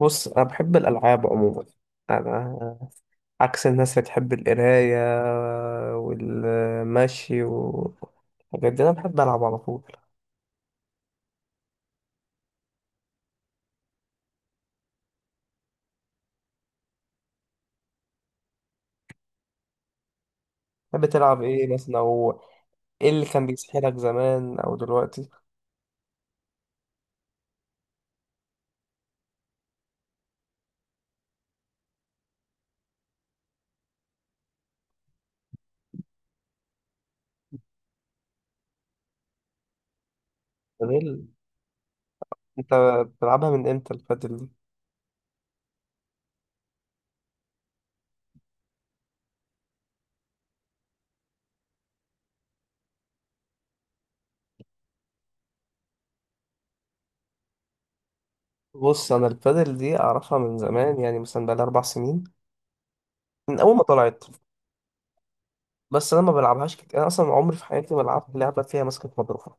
بص أنا بحب الألعاب عموما. أنا عكس الناس اللي بتحب القراية والمشي والحاجات دي، أنا بحب ألعب على طول. بتحب تلعب إيه مثلا، أو إيه اللي كان بيسحلك زمان أو دلوقتي؟ البادل. أنت بتلعبها من إمتى البادل دي؟ بص أنا البادل دي أعرفها من زمان، يعني مثلا بقالي 4 سنين من أول ما طلعت. بس أنا ما بلعبهاش كتير، أنا أصلا عمري في حياتي ما لعبت لعبة فيها ماسكة مضربة.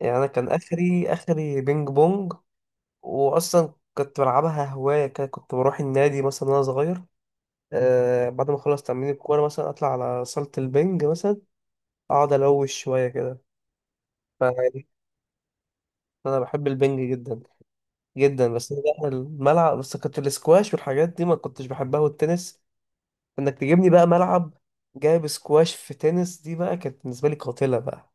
يعني أنا كان آخري بينج بونج. واصلا كنت بلعبها هوايه كده، كنت بروح النادي مثلا وانا صغير. آه بعد ما اخلص تمرين الكوره مثلا اطلع على صاله البنج مثلا، اقعد الوش شويه كده. فيعني انا بحب البنج جدا جدا. بس أنا بقى الملعب، بس كنت الاسكواش والحاجات دي ما كنتش بحبها، والتنس، انك تجيبني بقى ملعب جايب سكواش في تنس، دي بقى كانت بالنسبه لي قاتله بقى.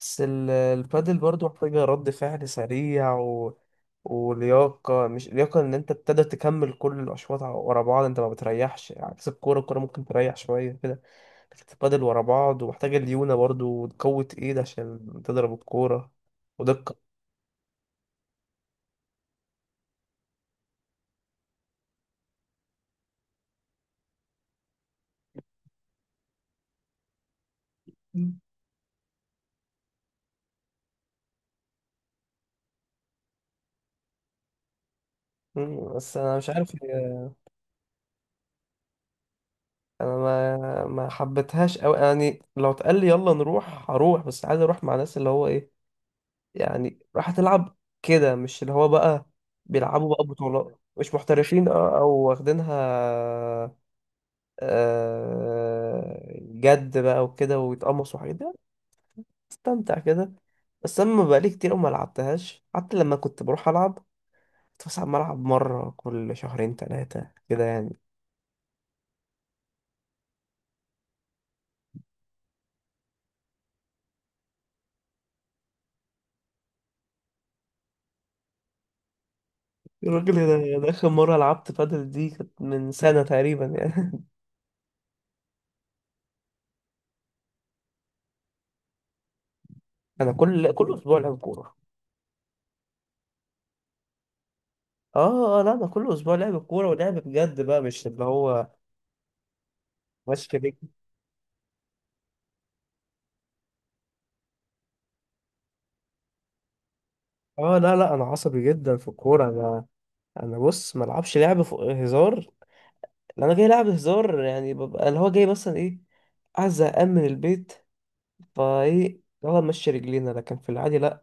بس البادل برضو محتاجة رد فعل سريع ولياقة، مش لياقة إن أنت تقدر تكمل كل الأشواط ورا بعض، أنت ما بتريحش عكس الكورة، الكورة ممكن تريح شوية كده. لكن البادل ورا بعض، ومحتاجة ليونة برضو وقوة إيد عشان تضرب الكورة ودقة. مم. مم، بس أنا مش عارف أنا ما حبيتهاش أوي، يعني لو اتقال لي يلا نروح هروح، بس عايز أروح مع ناس اللي هو إيه، يعني راح تلعب كده، مش اللي هو بقى بيلعبوا بقى بطولات، مش محترفين اه او واخدينها آه، جد بقى وكده ويتقمصوا حاجات دي، استمتع كده. بس اما بقالي كتير أوي ما لعبتهاش، حتى لما كنت بروح العب كنت بس عم العب مره كل شهرين ثلاثه كده يعني. الراجل ده اخر مره لعبت بادل دي كانت من سنه تقريبا يعني. انا كل اسبوع لعب كوره. اه آه، لا انا كل اسبوع لعب كوره ولعب بجد بقى، مش اللي هو ماشي رجلي. اه، لا انا عصبي جدا في الكوره، انا بص ما العبش لعب فوق هزار. لو انا جاي لعب هزار، يعني ببقى اللي هو جاي مثلا ايه، عايز زهقان من البيت، فايه يلا نمشي رجلينا، لكن في العادي لا.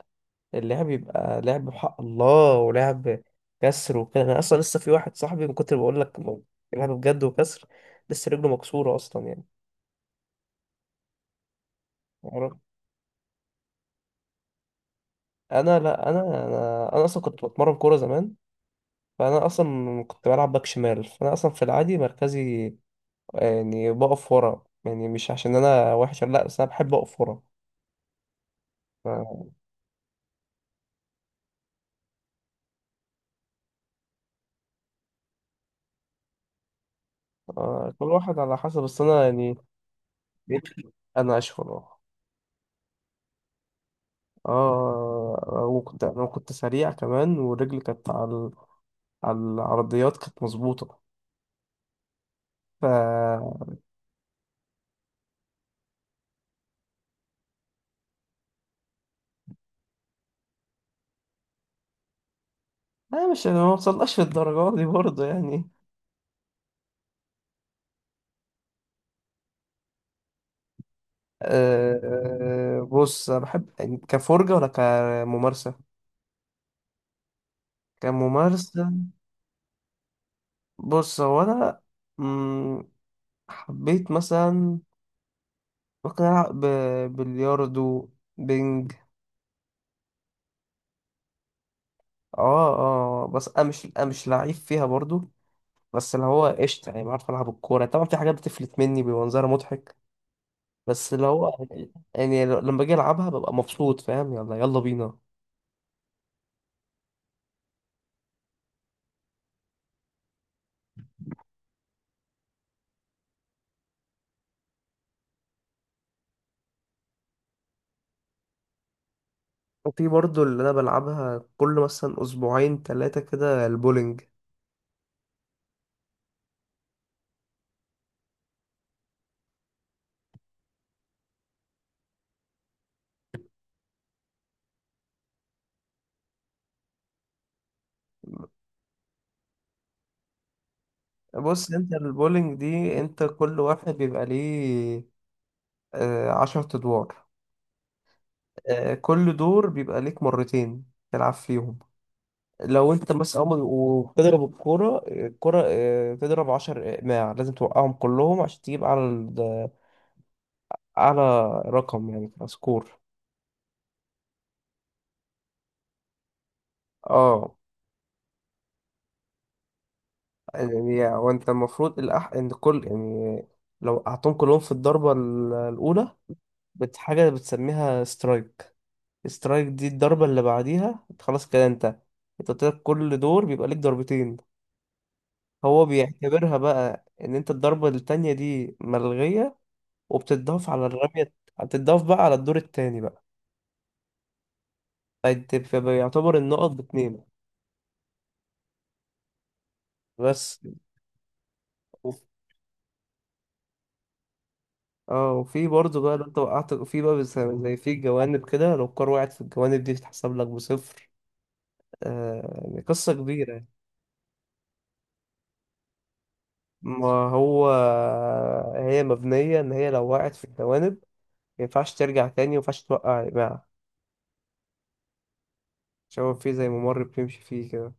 اللعب يبقى لعب بحق الله، ولعب كسر وكده. انا اصلا لسه في واحد صاحبي من كتر بقول لك لعب بجد وكسر، لسه رجله مكسوره اصلا يعني. عرفت؟ انا لا انا اصلا كنت بتمرن كوره زمان، فانا اصلا كنت بلعب باك شمال، فانا اصلا في العادي مركزي يعني بقف ورا، يعني مش عشان انا وحش لا، بس انا بحب اقف ورا. ف- آه، كل واحد على حسب، بس انا يعني انا اشهر اه. آه، وكنت انا كنت سريع كمان، ورجلي كانت على العرضيات كانت مظبوطه. ف انا مش، انا ما وصلناش للدرجه دي برضه يعني. آه، آه، بص انا بحب يعني كفرجه ولا كممارسه؟ كممارسه. بص هو انا مم، حبيت مثلا ممكن ألعب بلياردو، بينج. اه، اه، بس أنا مش لعيب فيها برضو، بس اللي هو قشطة يعني بعرف ألعب الكورة، طبعا في حاجات بتفلت مني بيبقى منظرها مضحك. بس اللي هو، يعني لما باجي ألعبها ببقى مبسوط، فاهم؟ يلا يلا بينا. وفي برضو اللي أنا بلعبها كل مثلا أسبوعين تلاتة كده، البولينج. بص أنت البولينج دي، أنت كل واحد بيبقى ليه آه، 10 أدوار. آه، كل دور بيبقى ليك مرتين تلعب فيهم. لو انت بس اول وبتضرب الكوره آه، تضرب 10 اقماع، لازم توقعهم كلهم عشان تجيب على على رقم، يعني سكور. اه، يعني وانت المفروض ان كل يعني لو قعدتهم كلهم في الضربه الاولى، بت حاجه بتسميها سترايك. سترايك دي الضربه اللي بعديها انت خلاص كده، انت طلعت، كل دور بيبقى ليك ضربتين، هو بيعتبرها بقى ان انت الضربه التانية دي ملغيه وبتتضاف على الرمية، هتتضاف بقى على الدور التاني بقى. فانت بيبقى يعتبر النقط باتنين بس. وف- اه وفي برضه بقى لو انت وقعت في بقى زي في جوانب كده، لو الكار وقعت في الجوانب دي تتحسب لك بصفر. آه يعني قصة كبيرة يعني. ما هو هي مبنية إن هي لو وقعت في الجوانب ما ينفعش ترجع تاني، وما ينفعش توقع يا جماعة، عشان هو في زي ممر بتمشي فيه كده.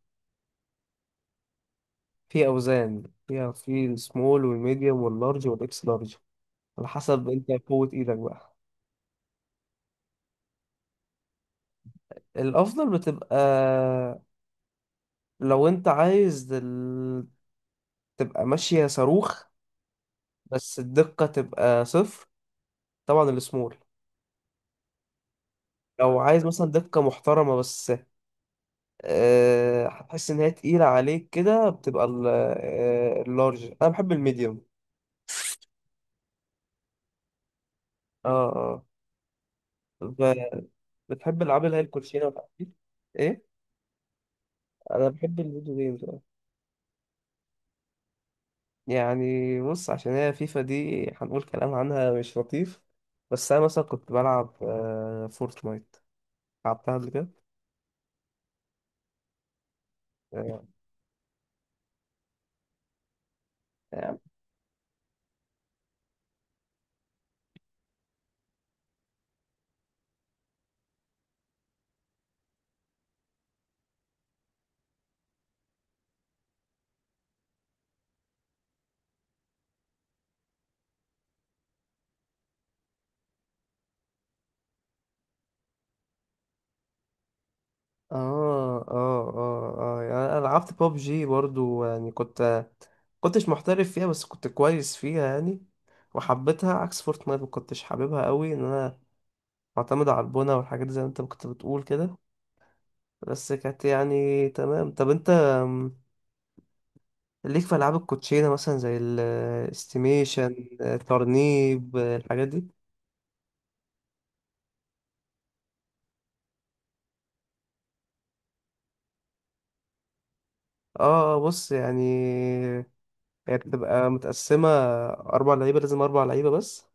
في أوزان فيها، في السمول والميديوم واللارج والإكس لارج، على حسب أنت قوة إيدك بقى. الافضل بتبقى لو انت عايز تبقى ماشية صاروخ، بس الدقة تبقى صفر، طبعا السمول. لو عايز مثلا دقة محترمة، بس آه، هتحس ان هي تقيلة عليك كده، بتبقى آه، اللارج، انا بحب الميديوم. اه، اه، ب- بتحب العاب اللي هي الكوتشينة والحاجات دي؟ ايه انا بحب الفيديو جيمز. يعني بص عشان هي فيفا دي هنقول كلام عنها مش لطيف، بس انا مثلا كنت بلعب آه، فورتنايت، لعبتها قبل كده. اه اه آه. يعني انا لعبت ببجي برضو، يعني كنت كنتش محترف فيها بس كنت كويس فيها يعني. وحبيتها عكس فورتنايت، ما كنتش حاببها قوي ان انا معتمد على البونة والحاجات دي زي ما انت كنت بتقول كده. بس كانت يعني تمام، طب انت ليك في ألعاب الكوتشينة مثلا زي الاستيميشن ترنيب آه، الحاجات دي؟ اه آه، بص يعني هي بتبقى متقسمة 4 لعيبة، لازم 4 لعيبة بس.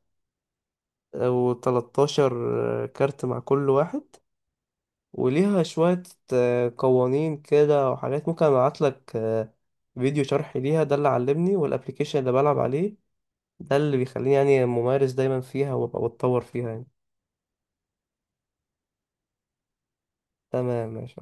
آه، و13 كارت مع كل واحد، وليها شوية آه، قوانين كده وحاجات. ممكن أبعتلك آه، فيديو شرح ليها، ده اللي علمني، والأبليكيشن اللي بلعب عليه ده اللي بيخليني يعني ممارس دايما فيها وأبقى بتطور فيها يعني. تمام ماشي.